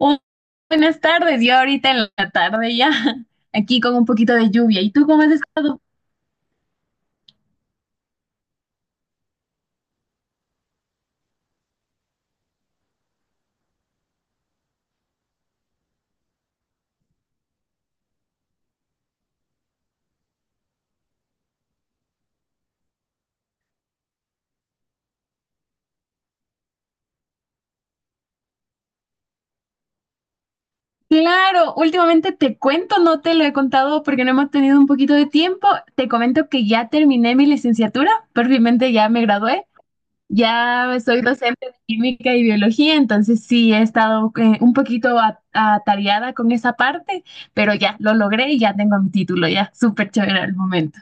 Oh, buenas tardes, yo ahorita en la tarde ya, aquí con un poquito de lluvia. ¿Y tú cómo has estado? Claro, últimamente te cuento, no te lo he contado porque no hemos tenido un poquito de tiempo. Te comento que ya terminé mi licenciatura, perfectamente ya me gradué, ya soy docente de química y biología, entonces sí he estado un poquito atareada con esa parte, pero ya lo logré y ya tengo mi título, ya súper chévere al momento.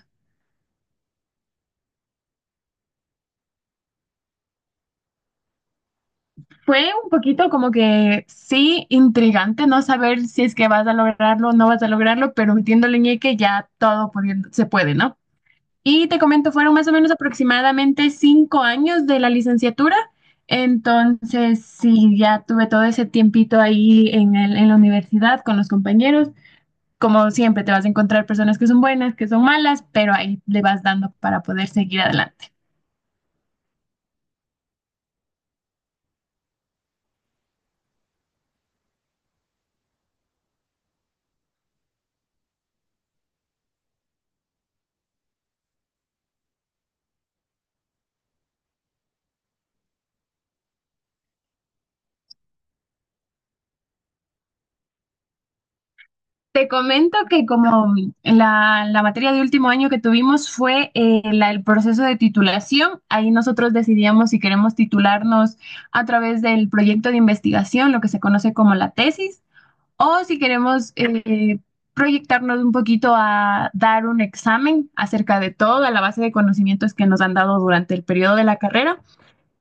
Fue un poquito como que sí, intrigante no saber si es que vas a lograrlo o no vas a lograrlo, pero metiéndole ñeque ya todo se puede, ¿no? Y te comento, fueron más o menos aproximadamente cinco años de la licenciatura, entonces sí, ya tuve todo ese tiempito ahí en en la universidad con los compañeros. Como siempre, te vas a encontrar personas que son buenas, que son malas, pero ahí le vas dando para poder seguir adelante. Te comento que como la materia de último año que tuvimos fue el proceso de titulación, ahí nosotros decidíamos si queremos titularnos a través del proyecto de investigación, lo que se conoce como la tesis, o si queremos proyectarnos un poquito a dar un examen acerca de toda la base de conocimientos que nos han dado durante el periodo de la carrera.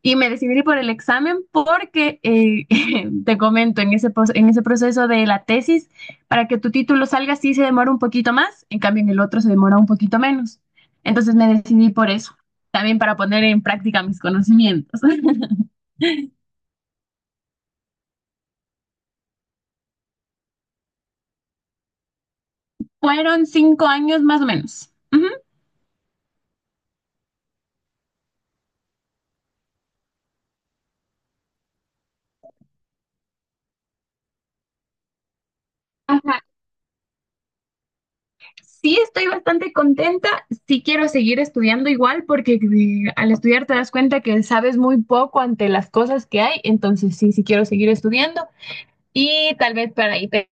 Y me decidí por el examen porque, te comento, en en ese proceso de la tesis, para que tu título salga sí se demora un poquito más, en cambio en el otro se demora un poquito menos. Entonces me decidí por eso, también para poner en práctica mis conocimientos. Fueron cinco años más o menos. Ujú. Ajá. Sí, estoy bastante contenta. Sí quiero seguir estudiando igual porque al estudiar te das cuenta que sabes muy poco ante las cosas que hay. Entonces, sí quiero seguir estudiando y tal vez para ahí te...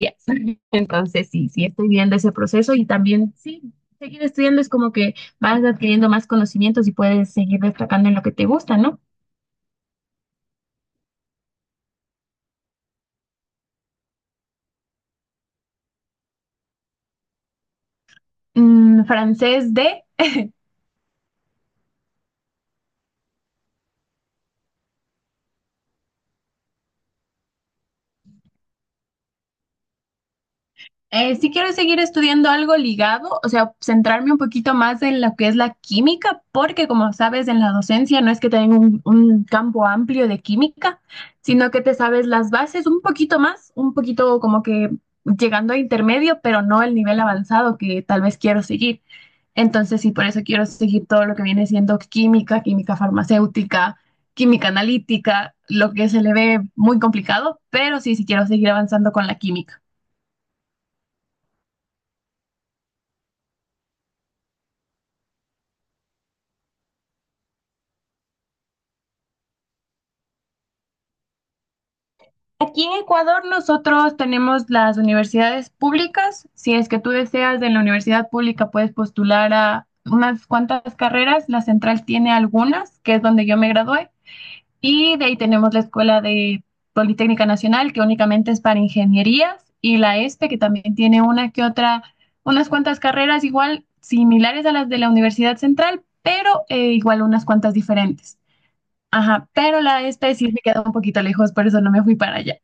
Yes. Entonces, sí, estoy viendo ese proceso y también, sí, seguir estudiando es como que vas adquiriendo más conocimientos y puedes seguir destacando en lo que te gusta, ¿no? Mm, francés de... sí quiero seguir estudiando algo ligado, o sea, centrarme un poquito más en lo que es la química, porque como sabes, en la docencia no es que tenga un campo amplio de química, sino que te sabes las bases un poquito más, un poquito como que llegando a intermedio, pero no el nivel avanzado que tal vez quiero seguir. Entonces, sí, por eso quiero seguir todo lo que viene siendo química, química farmacéutica, química analítica, lo que se le ve muy complicado, pero sí quiero seguir avanzando con la química. Aquí en Ecuador nosotros tenemos las universidades públicas. Si es que tú deseas en la universidad pública puedes postular a unas cuantas carreras. La central tiene algunas, que es donde yo me gradué. Y de ahí tenemos la Escuela de Politécnica Nacional, que únicamente es para ingenierías, y la ESPE, que también tiene una que otra, unas cuantas carreras igual similares a las de la Universidad Central, pero igual unas cuantas diferentes. Ajá, pero la ESPE sí me queda un poquito lejos, por eso no me fui para allá.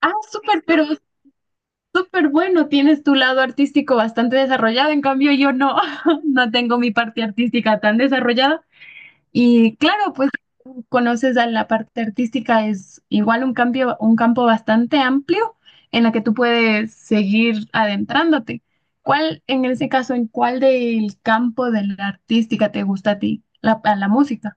Ah, súper, pero es súper bueno. Tienes tu lado artístico bastante desarrollado. En cambio, yo no, no tengo mi parte artística tan desarrollada. Y claro, pues conoces a la parte artística es igual un cambio, un campo bastante amplio en la que tú puedes seguir adentrándote. ¿Cuál, en ese caso, en cuál del campo de la artística te gusta a ti? La, a la música.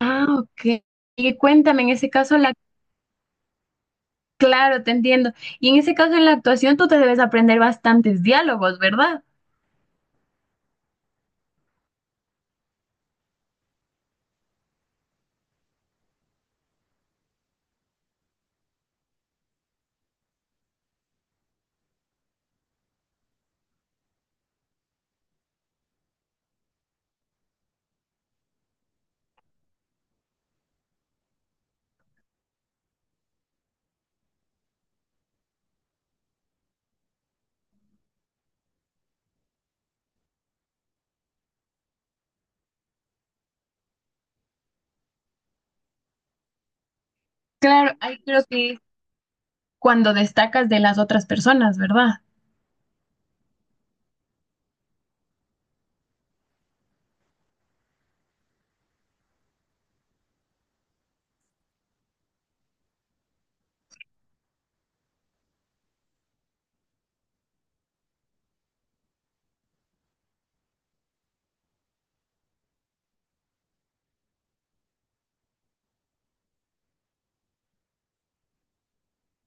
Ah, ok. Y cuéntame, en ese caso, la... Claro, te entiendo. Y en ese caso, en la actuación, tú te debes aprender bastantes diálogos, ¿verdad? Claro, ahí creo que es cuando destacas de las otras personas, ¿verdad?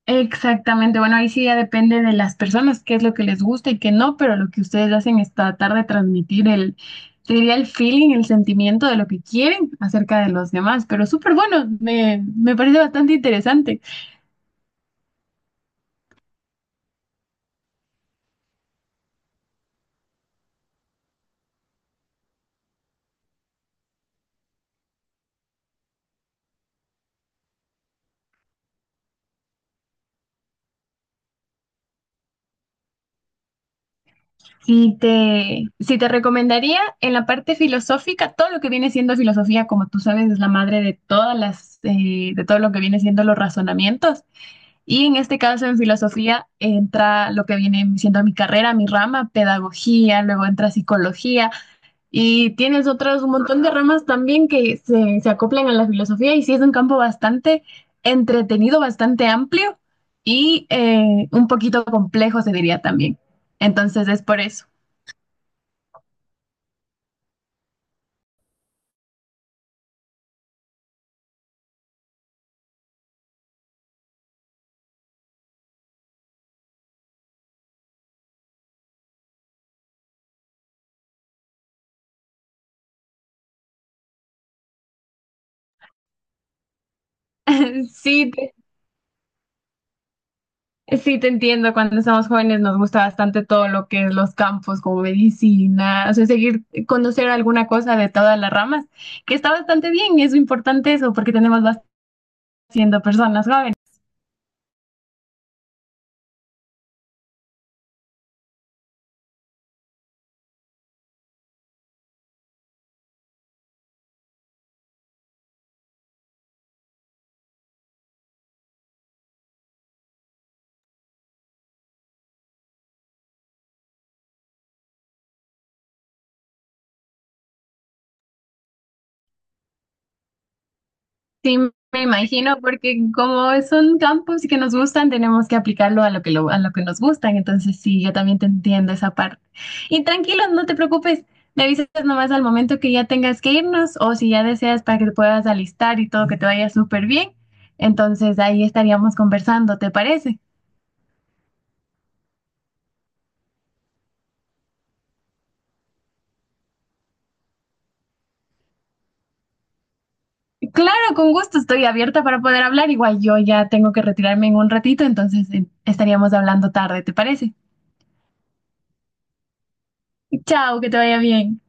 Exactamente. Bueno, ahí sí ya depende de las personas, qué es lo que les gusta y qué no, pero lo que ustedes hacen es tratar de transmitir el, sería el feeling, el sentimiento de lo que quieren acerca de los demás. Pero súper bueno, me parece bastante interesante. Sí te recomendaría en la parte filosófica, todo lo que viene siendo filosofía, como tú sabes, es la madre de todas las, de todo lo que viene siendo los razonamientos. Y en este caso, en filosofía, entra lo que viene siendo mi carrera, mi rama, pedagogía, luego entra psicología, y tienes otros un montón de ramas también que se acoplan a la filosofía, y sí es un campo bastante entretenido, bastante amplio y un poquito complejo, se diría también. Entonces es por eso. Sí, te, sí te entiendo. Cuando somos jóvenes nos gusta bastante todo lo que es los campos como medicina, o sea, seguir conocer alguna cosa de todas las ramas, que está bastante bien y es importante eso porque tenemos bastante siendo personas jóvenes. Sí, me imagino, porque como son campos que nos gustan, tenemos que aplicarlo a lo que lo, a lo que nos gustan. Entonces, sí, yo también te entiendo esa parte. Y tranquilo, no te preocupes. Me avisas nomás al momento que ya tengas que irnos o si ya deseas para que te puedas alistar y todo que te vaya súper bien. Entonces, ahí estaríamos conversando, ¿te parece? Claro, con gusto, estoy abierta para poder hablar. Igual yo ya tengo que retirarme en un ratito, entonces estaríamos hablando tarde, ¿te parece? Chao, que te vaya bien.